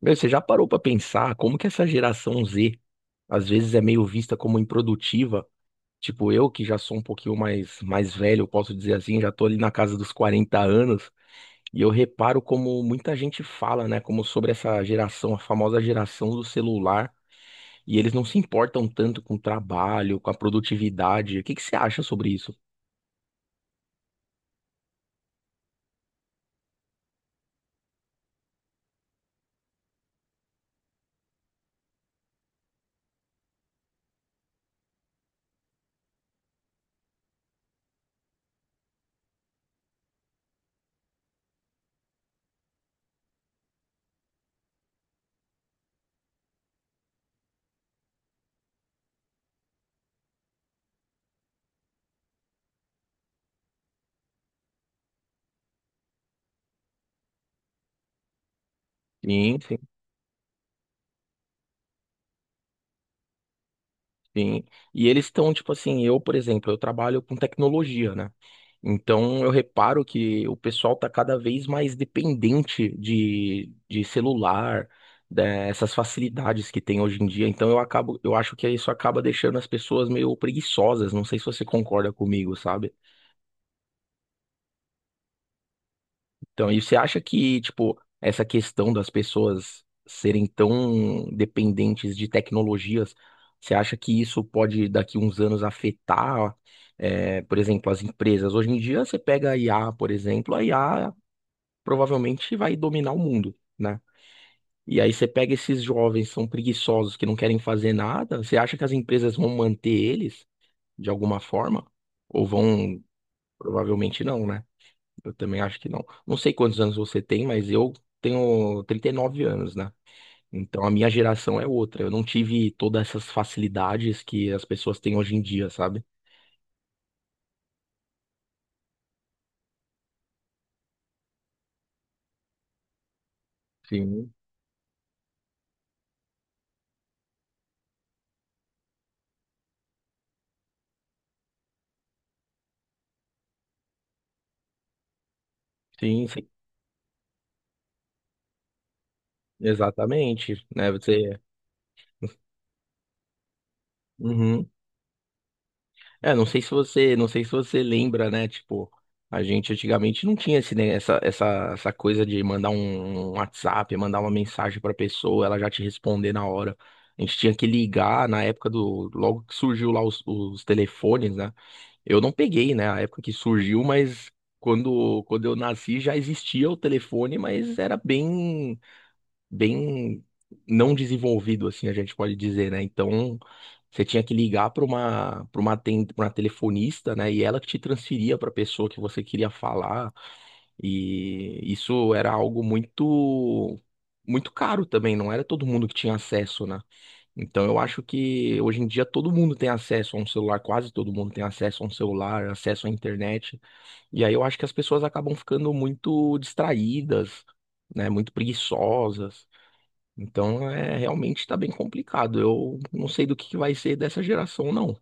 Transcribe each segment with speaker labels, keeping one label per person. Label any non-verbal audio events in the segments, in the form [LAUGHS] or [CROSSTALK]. Speaker 1: Meu, você já parou pra pensar como que essa geração Z às vezes é meio vista como improdutiva? Tipo, eu que já sou um pouquinho mais velho, eu posso dizer assim, já tô ali na casa dos 40 anos, e eu reparo como muita gente fala, né, como sobre essa geração, a famosa geração do celular, e eles não se importam tanto com o trabalho, com a produtividade. O que que você acha sobre isso? Sim, sim. Sim. E eles estão, tipo assim, eu, por exemplo, eu trabalho com tecnologia, né? Então eu reparo que o pessoal tá cada vez mais dependente de celular, dessas facilidades que tem hoje em dia. Então eu acabo, eu acho que isso acaba deixando as pessoas meio preguiçosas. Não sei se você concorda comigo, sabe? Então, e você acha que, tipo, essa questão das pessoas serem tão dependentes de tecnologias, você acha que isso pode, daqui uns anos, afetar, por exemplo, as empresas? Hoje em dia, você pega a IA, por exemplo, a IA provavelmente vai dominar o mundo, né? E aí você pega esses jovens, são preguiçosos, que não querem fazer nada, você acha que as empresas vão manter eles, de alguma forma? Ou vão... Provavelmente não, né? Eu também acho que não. Não sei quantos anos você tem, mas eu tenho 39 anos, né? Então a minha geração é outra. Eu não tive todas essas facilidades que as pessoas têm hoje em dia, sabe? Sim, sim, sim. Exatamente, né? Você, uhum. É, não sei se você, não sei se você lembra, né? Tipo, a gente antigamente não tinha essa, essa, essa coisa de mandar um WhatsApp, mandar uma mensagem pra pessoa, ela já te responder na hora. A gente tinha que ligar na época do, logo que surgiu lá os telefones, né? Eu não peguei, né, a época que surgiu, mas quando eu nasci já existia o telefone, mas era bem bem não desenvolvido, assim, a gente pode dizer, né? Então, você tinha que ligar pra uma telefonista, né? E ela que te transferia para a pessoa que você queria falar. E isso era algo muito, muito caro também, não era todo mundo que tinha acesso, né? Então, eu acho que hoje em dia todo mundo tem acesso a um celular, quase todo mundo tem acesso a um celular, acesso à internet. E aí eu acho que as pessoas acabam ficando muito distraídas, né, muito preguiçosas. Então, é, realmente está bem complicado. Eu não sei do que vai ser dessa geração, não.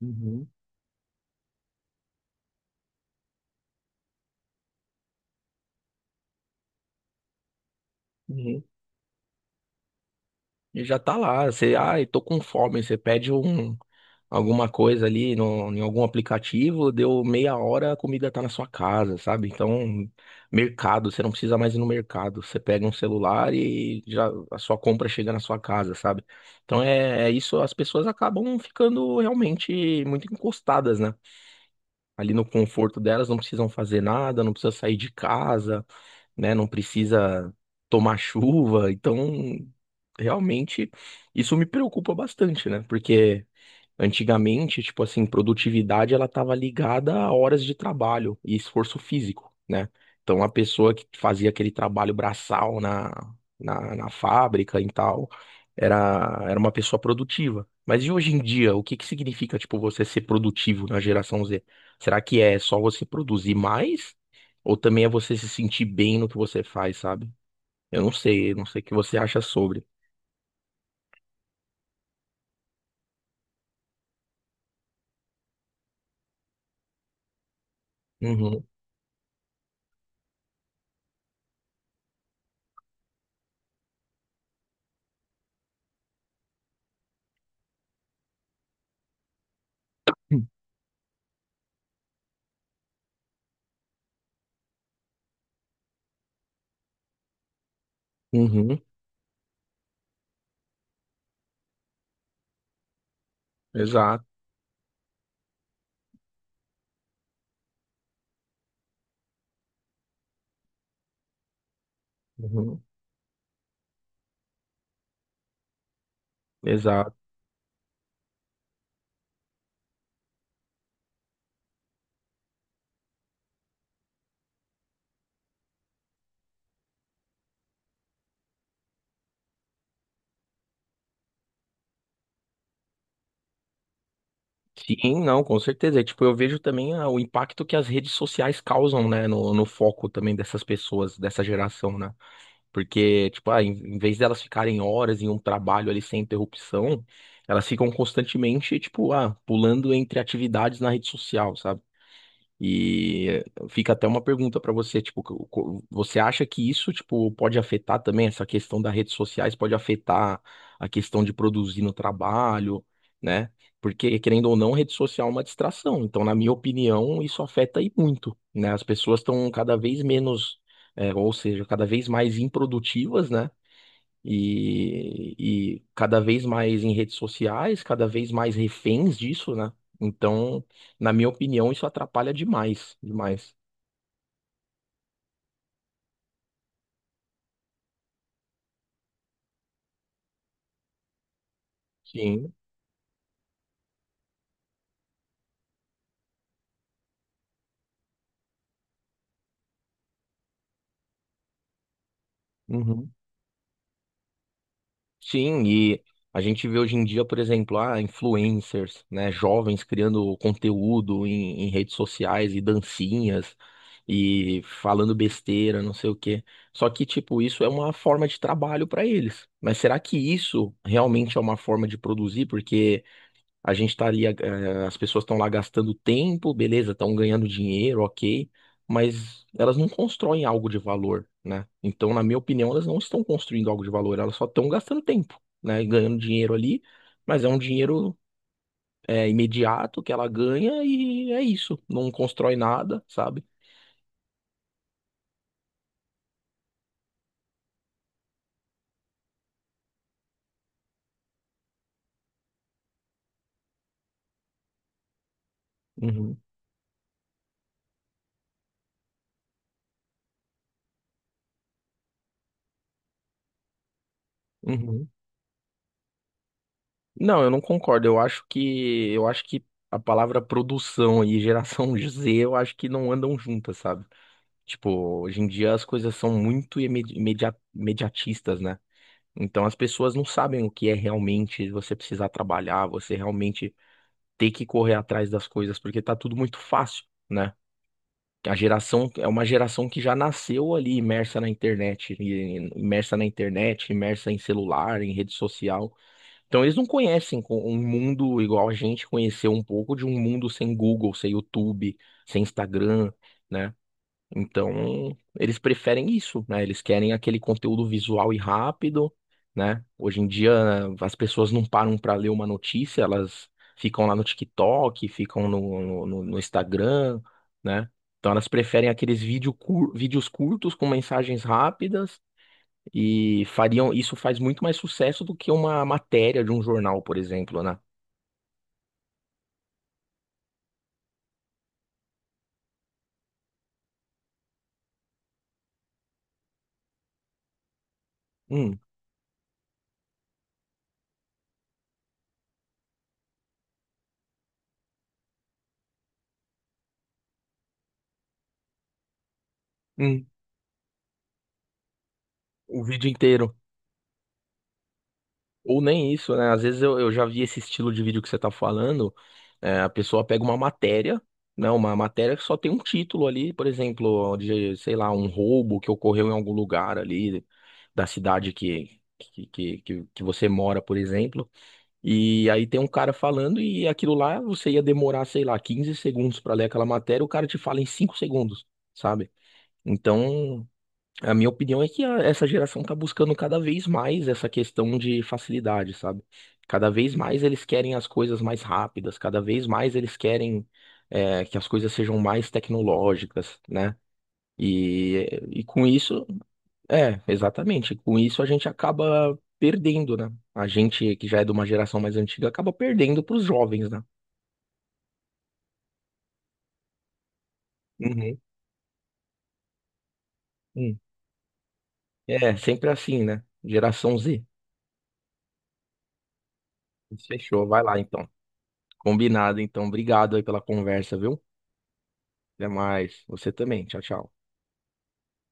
Speaker 1: Uhum, uhum. E já tá lá, você, ai, tô com fome, você pede um, alguma coisa ali no, em algum aplicativo, deu meia hora, a comida tá na sua casa, sabe? Então, mercado, você não precisa mais ir no mercado, você pega um celular e já a sua compra chega na sua casa, sabe? Então é, é isso, as pessoas acabam ficando realmente muito encostadas, né? Ali no conforto delas, não precisam fazer nada, não precisa sair de casa, né? Não precisa tomar chuva. Então, realmente, isso me preocupa bastante, né? Porque antigamente, tipo assim, produtividade ela estava ligada a horas de trabalho e esforço físico, né? Então a pessoa que fazia aquele trabalho braçal na fábrica e tal, era uma pessoa produtiva. Mas e hoje em dia, o que que significa, tipo, você ser produtivo na geração Z? Será que é só você produzir mais? Ou também é você se sentir bem no que você faz, sabe? Eu não sei o que você acha sobre. Uhum. Uhum. Exato. Uhum. Exato. Sim, não, com certeza. E, tipo, eu vejo também ah, o impacto que as redes sociais causam, né, no, no foco também dessas pessoas, dessa geração, né? Porque, tipo, ah, em vez delas ficarem horas em um trabalho ali sem interrupção, elas ficam constantemente, tipo, ah, pulando entre atividades na rede social, sabe? E fica até uma pergunta para você, tipo, você acha que isso, tipo, pode afetar também essa questão das redes sociais, pode afetar a questão de produzir no trabalho, né? Porque, querendo ou não, rede social é uma distração. Então, na minha opinião, isso afeta aí muito, né? As pessoas estão cada vez menos, é, ou seja, cada vez mais improdutivas, né? e, e cada vez mais em redes sociais, cada vez mais reféns disso, né? Então, na minha opinião, isso atrapalha demais, demais. Sim. Uhum. Sim, e a gente vê hoje em dia, por exemplo, ah, influencers, né, jovens criando conteúdo em redes sociais e dancinhas e falando besteira, não sei o quê. Só que, tipo, isso é uma forma de trabalho para eles. Mas será que isso realmente é uma forma de produzir? Porque a gente estaria, eh, as pessoas estão lá gastando tempo, beleza, estão ganhando dinheiro, ok, mas elas não constroem algo de valor, né? Então, na minha opinião, elas não estão construindo algo de valor, elas só estão gastando tempo, né? E ganhando dinheiro ali, mas é um dinheiro, eh, imediato que ela ganha e é isso, não constrói nada, sabe? Uhum, uhum. Não, eu não concordo. Eu acho que a palavra produção e geração [LAUGHS] Z, eu acho que não andam juntas, sabe? Tipo, hoje em dia as coisas são muito imediatistas, né? Então as pessoas não sabem o que é realmente você precisar trabalhar, você realmente ter que correr atrás das coisas, porque tá tudo muito fácil, né? A geração é uma geração que já nasceu ali imersa na internet, imersa em celular, em rede social. Então eles não conhecem um mundo igual a gente conheceu um pouco de um mundo sem Google, sem YouTube, sem Instagram, né? Então, eles preferem isso, né? Eles querem aquele conteúdo visual e rápido, né? Hoje em dia, as pessoas não param para ler uma notícia, elas ficam lá no TikTok, ficam no Instagram, né? Então, elas preferem aqueles vídeos curtos com mensagens rápidas e fariam isso faz muito mais sucesso do que uma matéria de um jornal, por exemplo, né? Hum, hum, o vídeo inteiro. Ou nem isso, né? Às vezes eu já vi esse estilo de vídeo que você tá falando. É, a pessoa pega uma matéria, né? Uma matéria que só tem um título ali, por exemplo, de, sei lá, um roubo que ocorreu em algum lugar ali da cidade que você mora, por exemplo. E aí tem um cara falando e aquilo lá você ia demorar, sei lá, 15 segundos para ler aquela matéria, o cara te fala em 5 segundos, sabe? Então. A minha opinião é que essa geração tá buscando cada vez mais essa questão de facilidade, sabe? Cada vez mais eles querem as coisas mais rápidas, cada vez mais eles querem é, que as coisas sejam mais tecnológicas, né? E com isso, é, exatamente, com isso a gente acaba perdendo, né? A gente que já é de uma geração mais antiga acaba perdendo para os jovens, né? Uhum. Hum. É, sempre assim, né? Geração Z. Fechou, vai lá então. Combinado, então. Obrigado aí pela conversa, viu? Até mais. Você também. Tchau, tchau.